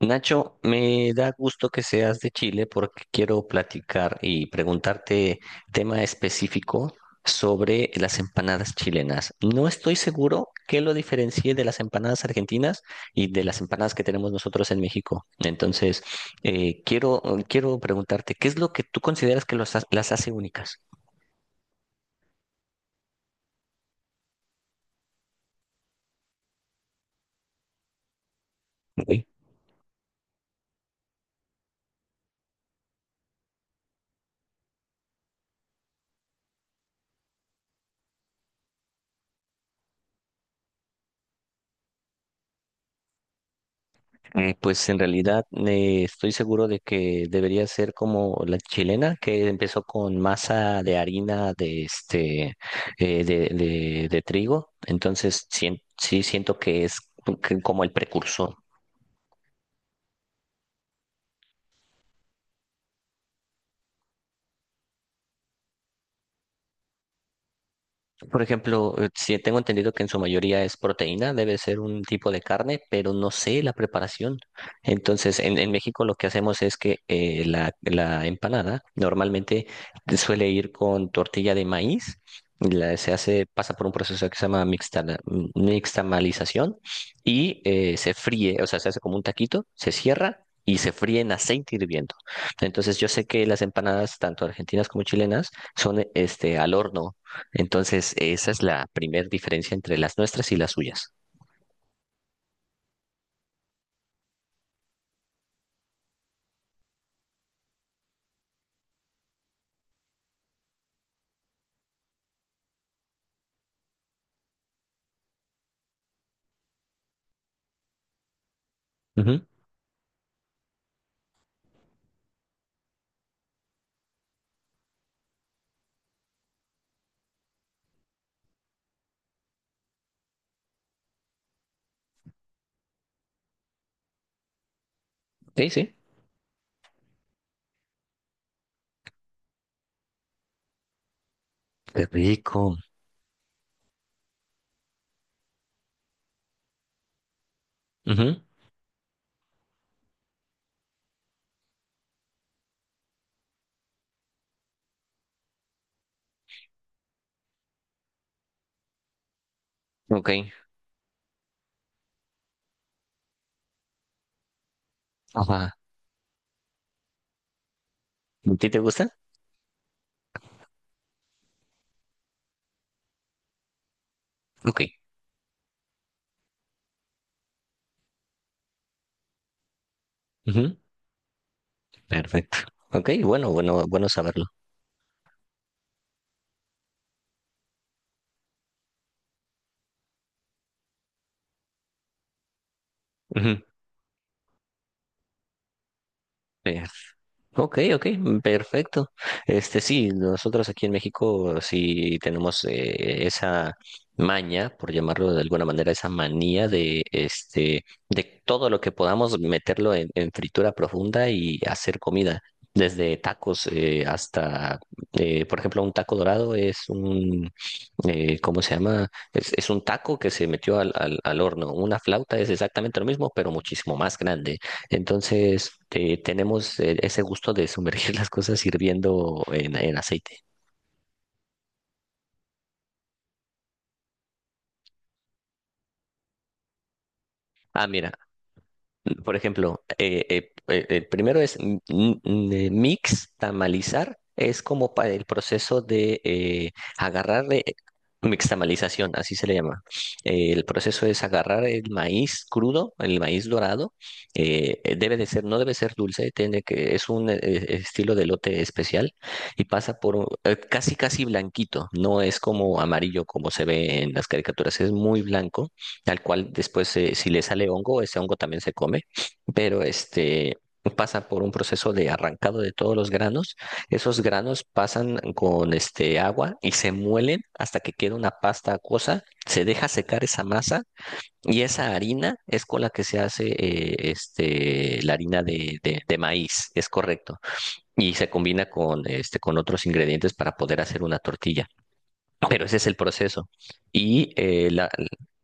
Nacho, me da gusto que seas de Chile porque quiero platicar y preguntarte tema específico sobre las empanadas chilenas. No estoy seguro qué lo diferencie de las empanadas argentinas y de las empanadas que tenemos nosotros en México. Eh, quiero, quiero preguntarte, ¿qué es lo que tú consideras que las hace únicas? Ok. Pues en realidad estoy seguro de que debería ser como la chilena que empezó con masa de harina de de trigo. Sí siento que es que como el precursor. Por ejemplo, sí tengo entendido que en su mayoría es proteína, debe ser un tipo de carne, pero no sé la preparación. Entonces, en México lo que hacemos es que la empanada normalmente suele ir con tortilla de maíz, se hace, pasa por un proceso que se llama mixtamalización y se fríe, o sea, se hace como un taquito, se cierra. Y se fríe en aceite hirviendo. Entonces, yo sé que las empanadas, tanto argentinas como chilenas, son este, al horno. Entonces, esa es la primera diferencia entre las nuestras y las suyas. Ujú. Sí, sí. Qué rico. Ujú. Ok. Ajá. ¿A ti te gusta? Ok. Ujú. Perfecto. Ok, bueno, bueno, bueno saberlo. Ujú. Sí. Ok, ok, perfecto. Este sí, nosotros aquí en México sí tenemos esa maña, por llamarlo de alguna manera, esa manía de este de todo lo que podamos meterlo en fritura profunda y hacer comida, desde tacos hasta, por ejemplo, un taco dorado es un ¿cómo se llama? Es un taco que se metió al horno. Una flauta es exactamente lo mismo, pero muchísimo más grande. Entonces, tenemos ese gusto de sumergir las cosas hirviendo en aceite. Ah, mira, por ejemplo, el primero es mix, tamalizar, es como para el proceso de agarrarle, mixtamalización, así se le llama. El proceso es agarrar el maíz crudo, el maíz dorado, debe de ser, no debe ser dulce, tiene que, es un estilo de lote especial y casi casi blanquito, no es como amarillo como se ve en las caricaturas, es muy blanco al cual después si le sale hongo, ese hongo también se come, pero este pasa por un proceso de arrancado de todos los granos. Esos granos pasan con este agua y se muelen hasta que queda una pasta acuosa, se deja secar esa masa y esa harina es con la que se hace la harina de maíz, es correcto, y se combina con este con otros ingredientes para poder hacer una tortilla. No, pero ese es el proceso. Y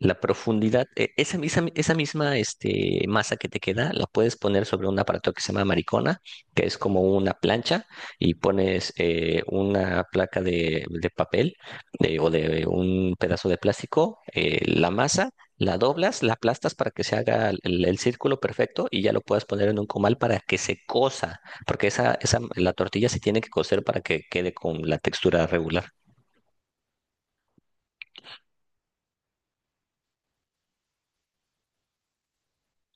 la profundidad, esa misma este, masa que te queda, la puedes poner sobre un aparato que se llama maricona, que es como una plancha, y pones una placa de papel o de un pedazo de plástico, la masa, la doblas, la aplastas para que se haga el círculo perfecto y ya lo puedas poner en un comal para que se cosa, porque la tortilla se tiene que cocer para que quede con la textura regular.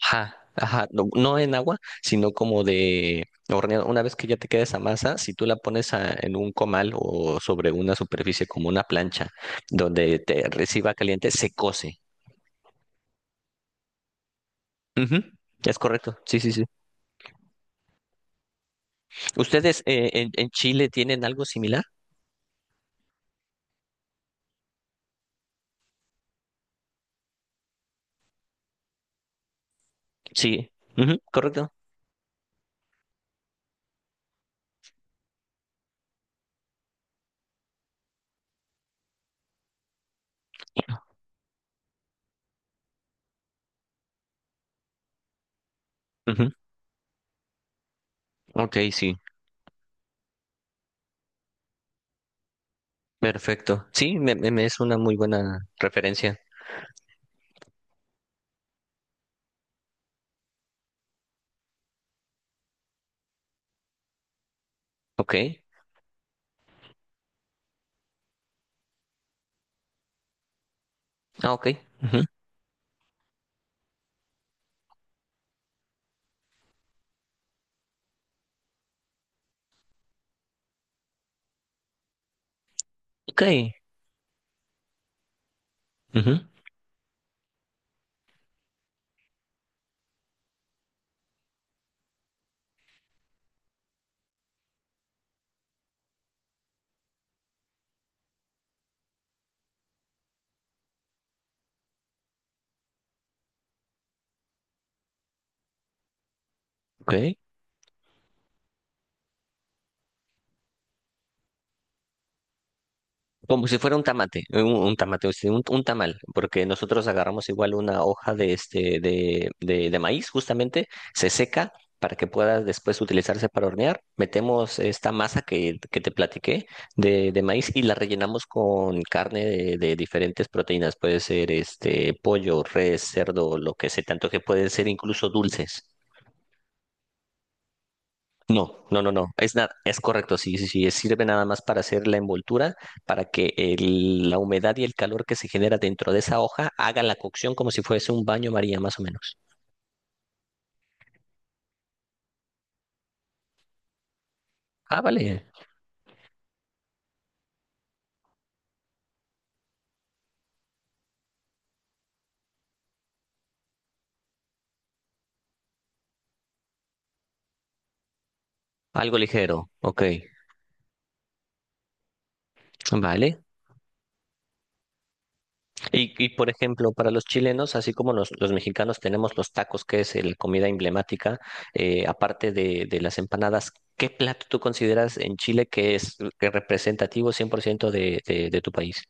Ajá, ajá, no, no en agua, sino como de horneado. Una vez que ya te queda esa masa, si tú en un comal o sobre una superficie como una plancha donde te reciba caliente, se cose. Ujú, es correcto, sí, sí, sí. ¿Ustedes en Chile tienen algo similar? Sí, ujú, correcto. Ujú, ok, sí, perfecto. Sí, me es una muy buena referencia. Ok, ah, ok. Ujú, ok, ujú, ok. Como si fuera un tamate, un tamate, o sea, un tamal, porque nosotros agarramos igual una hoja de este de maíz, justamente, se seca para que pueda después utilizarse para hornear. Metemos esta masa que te platiqué de maíz y la rellenamos con carne de diferentes proteínas. Puede ser este pollo, res, cerdo, lo que se tanto que pueden ser incluso dulces. No, no, no, no. Es nada, es correcto. Sí, sí, sí. Sirve nada más para hacer la envoltura, para que la humedad y el calor que se genera dentro de esa hoja haga la cocción como si fuese un baño María, más o menos. Ah, vale. Algo ligero. Ok. Vale. Y por ejemplo, para los chilenos, así como los mexicanos tenemos los tacos, que es la comida emblemática, aparte de las empanadas, ¿qué plato tú consideras en Chile que es representativo 100% de tu país?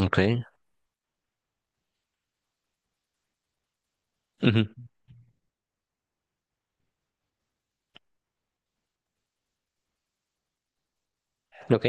Ok. Ujú. Ok.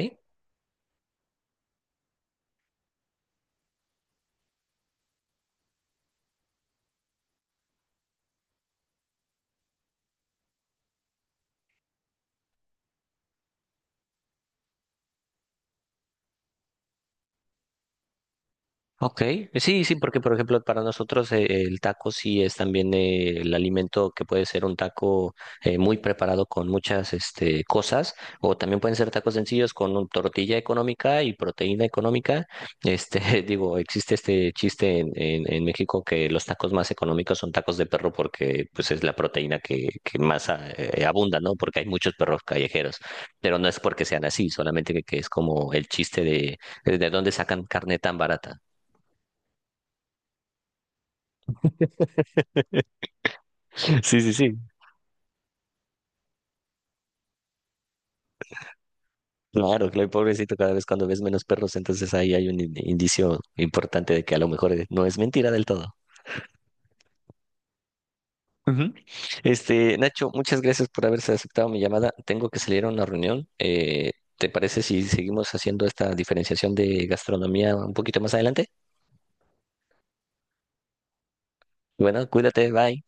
Ok, sí, sí, porque por ejemplo para nosotros el taco sí es también el alimento que puede ser un taco muy preparado con muchas este, cosas o también pueden ser tacos sencillos con tortilla económica y proteína económica. Este, digo, existe este chiste en México que los tacos más económicos son tacos de perro porque pues es la proteína que más abunda, ¿no? Porque hay muchos perros callejeros, pero no es porque sean así, solamente que es como el chiste de dónde sacan carne tan barata. Sí, sí, sí. Claro, claro, pobrecito, cada vez cuando ves menos perros, entonces ahí hay un indicio importante de que a lo mejor no es mentira del todo. Ujú. Este, Nacho, muchas gracias por haberse aceptado mi llamada. Tengo que salir a una reunión. ¿Te parece si seguimos haciendo esta diferenciación de gastronomía un poquito más adelante? Bueno, cuídate, bye.